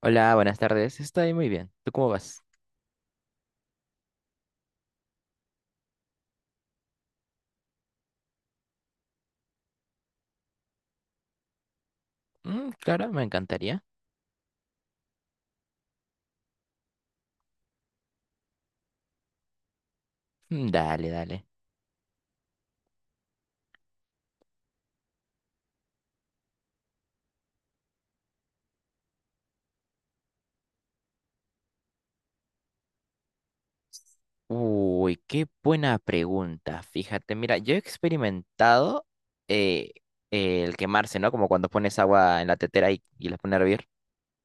Hola, buenas tardes. Estoy muy bien. ¿Tú cómo vas? Mm, claro, me encantaría. Mm, dale. Uy, qué buena pregunta. Fíjate, mira, yo he experimentado eh, el quemarse, ¿no? Como cuando pones agua en la tetera y la pones a hervir.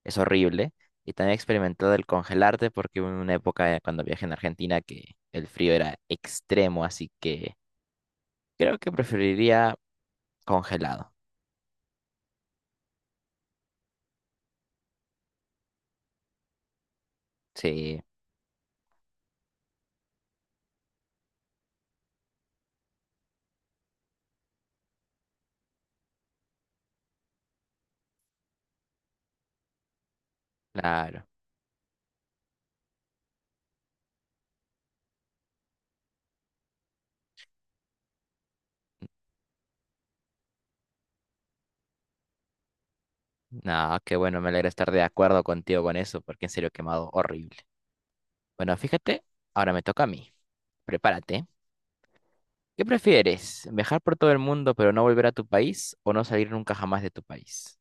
Es horrible. Y también he experimentado el congelarte porque hubo una época cuando viajé en Argentina que el frío era extremo, así que creo que preferiría congelado. Sí, claro. Nada, qué bueno, me alegra estar de acuerdo contigo con eso, porque en serio he quemado horrible. Bueno, fíjate, ahora me toca a mí. Prepárate. ¿Qué prefieres? ¿Viajar por todo el mundo pero no volver a tu país o no salir nunca jamás de tu país?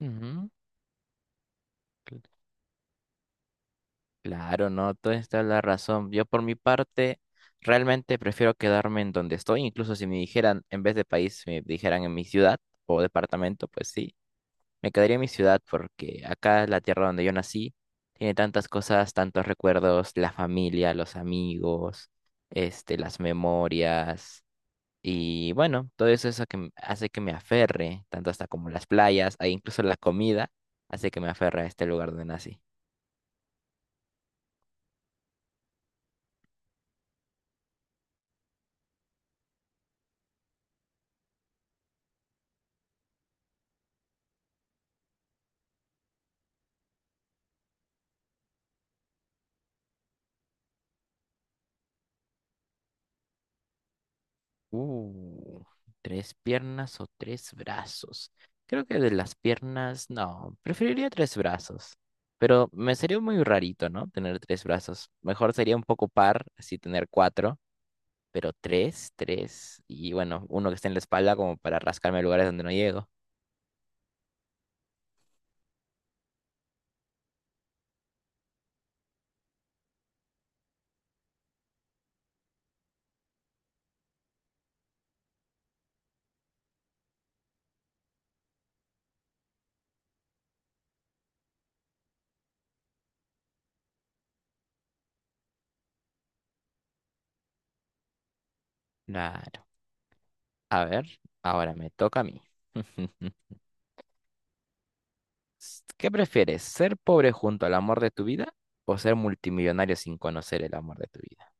Ujú. Cl- Claro, no, toda esta es la razón. Yo por mi parte realmente prefiero quedarme en donde estoy, incluso si me dijeran, en vez de país, me dijeran en mi ciudad o departamento, pues sí. Me quedaría en mi ciudad porque acá la tierra donde yo nací tiene tantas cosas, tantos recuerdos, la familia, los amigos, este, las memorias y bueno, todo eso, eso que hace que me aferre, tanto hasta como las playas, e incluso la comida, hace que me aferre a este lugar donde nací. Uh, tres piernas o tres brazos. Creo que de las piernas, no, preferiría tres brazos. Pero me sería muy rarito, ¿no? Tener tres brazos. Mejor sería un poco par, así tener cuatro, pero tres, tres. Y bueno, uno que esté en la espalda como para rascarme lugares donde no llego. Claro. A ver, ahora me toca a mí. ¿Qué prefieres? ¿Ser pobre junto al amor de tu vida o ser multimillonario sin conocer el amor de tu vida?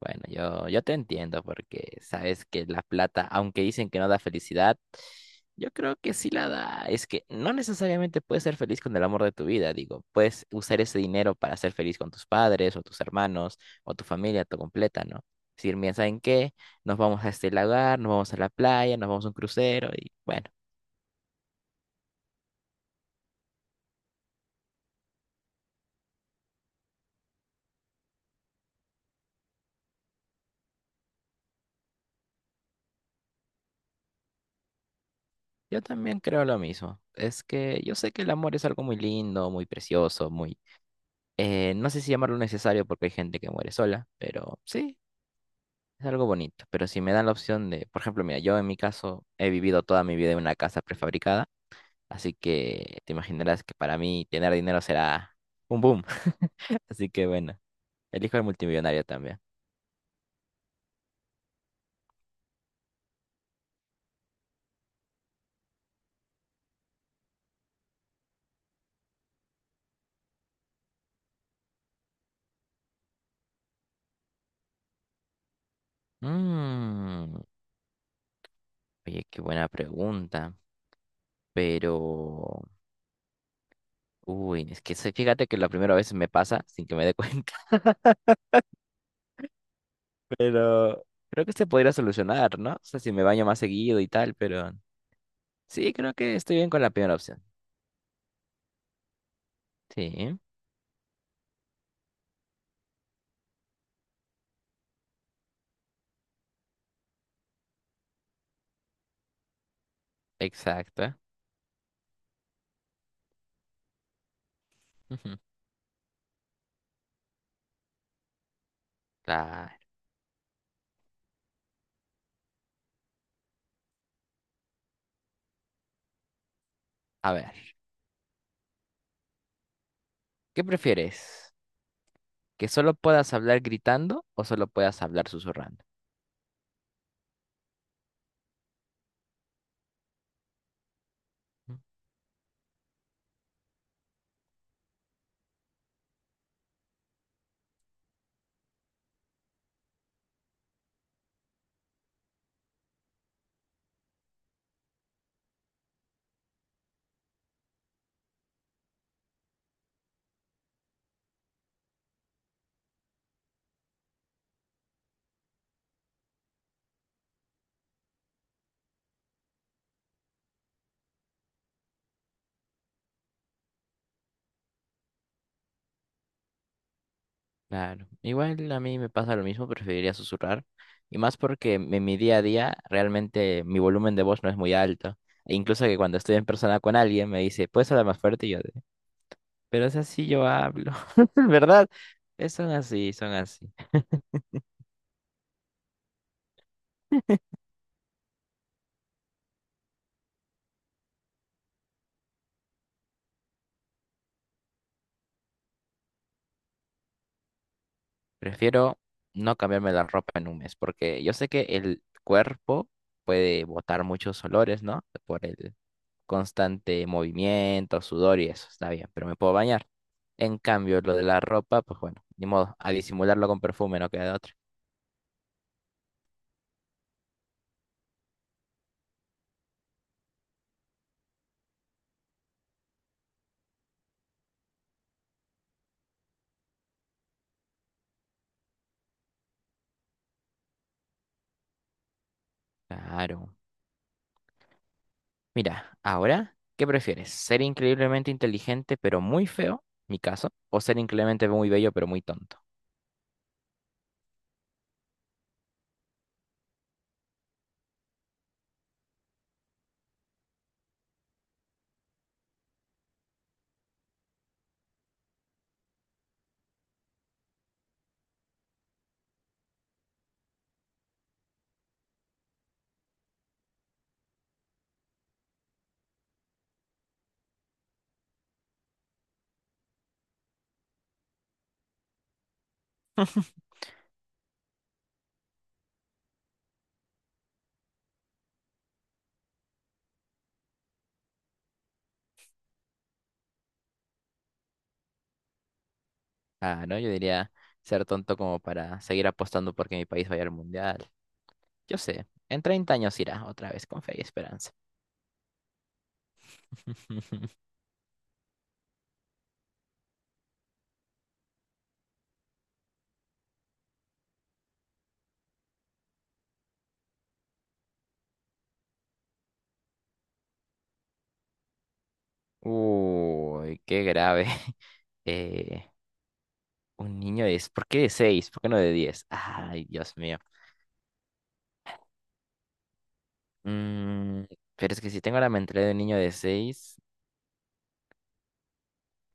Bueno, yo te entiendo porque sabes que la plata, aunque dicen que no da felicidad, yo creo que sí la da. Es que no necesariamente puedes ser feliz con el amor de tu vida, digo, puedes usar ese dinero para ser feliz con tus padres o tus hermanos o tu familia, tu completa, ¿no? Es decir, mira, ¿saben qué? Nos vamos a este lagar, nos vamos a la playa, nos vamos a un crucero y bueno, yo también creo lo mismo. Es que yo sé que el amor es algo muy lindo, muy precioso, muy no sé si llamarlo necesario porque hay gente que muere sola, pero sí, es algo bonito, pero si me dan la opción de, por ejemplo, mira, yo en mi caso he vivido toda mi vida en una casa prefabricada, así que te imaginarás que para mí tener dinero será un boom. Así que bueno, elijo el multimillonario también. Mm, oye, qué buena pregunta, pero... Uy, es que fíjate que la primera vez me pasa sin que me dé cuenta, pero creo que se podría solucionar, ¿no? O sea, si me baño más seguido y tal, pero sí, creo que estoy bien con la primera opción. Sí, exacto. Ujú. Claro. A ver, ¿qué prefieres? ¿Que solo puedas hablar gritando o solo puedas hablar susurrando? Mm, claro. Igual a mí me pasa lo mismo, preferiría susurrar. Y más porque en mi día a día realmente mi volumen de voz no es muy alto. E incluso que cuando estoy en persona con alguien me dice, ¿puedes hablar más fuerte? Y yo, de, pero es así yo hablo. ¿Verdad? Son así, son así. Prefiero no cambiarme la ropa en un mes, porque yo sé que el cuerpo puede botar muchos olores, ¿no? Por el constante movimiento, sudor y eso, está bien, pero me puedo bañar. En cambio, lo de la ropa, pues bueno, ni modo, a disimularlo con perfume, no queda de otra. Claro. Mira, ahora, ¿qué prefieres? ¿Ser increíblemente inteligente pero muy feo, mi caso? ¿O ser increíblemente muy bello pero muy tonto? Ah, ¿no? Yo diría ser tonto como para seguir apostando porque mi país vaya al mundial. Yo sé, en 30 años irá otra vez con fe y esperanza. Uy, qué grave. Eh, un niño de ¿por qué de 6? ¿Por qué no de 10? Ay, Dios mío. Mm, pero es que si tengo la mentalidad de un niño de 6,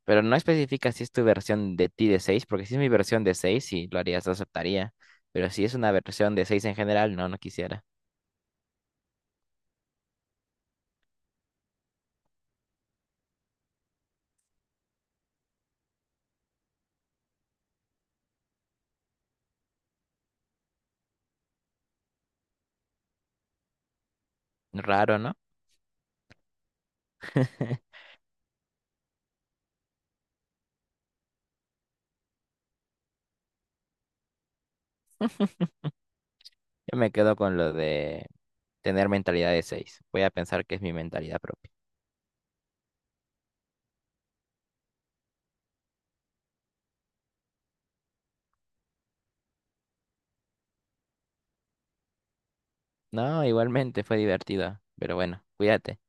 pero no especifica si es tu versión de ti de 6, porque si es mi versión de 6 sí, lo harías, lo aceptaría. Pero si es una versión de 6 en general, no, no quisiera. Raro, ¿no? Yo me quedo con lo de tener mentalidad de 6. Voy a pensar que es mi mentalidad propia. No, igualmente fue divertido, pero bueno, cuídate.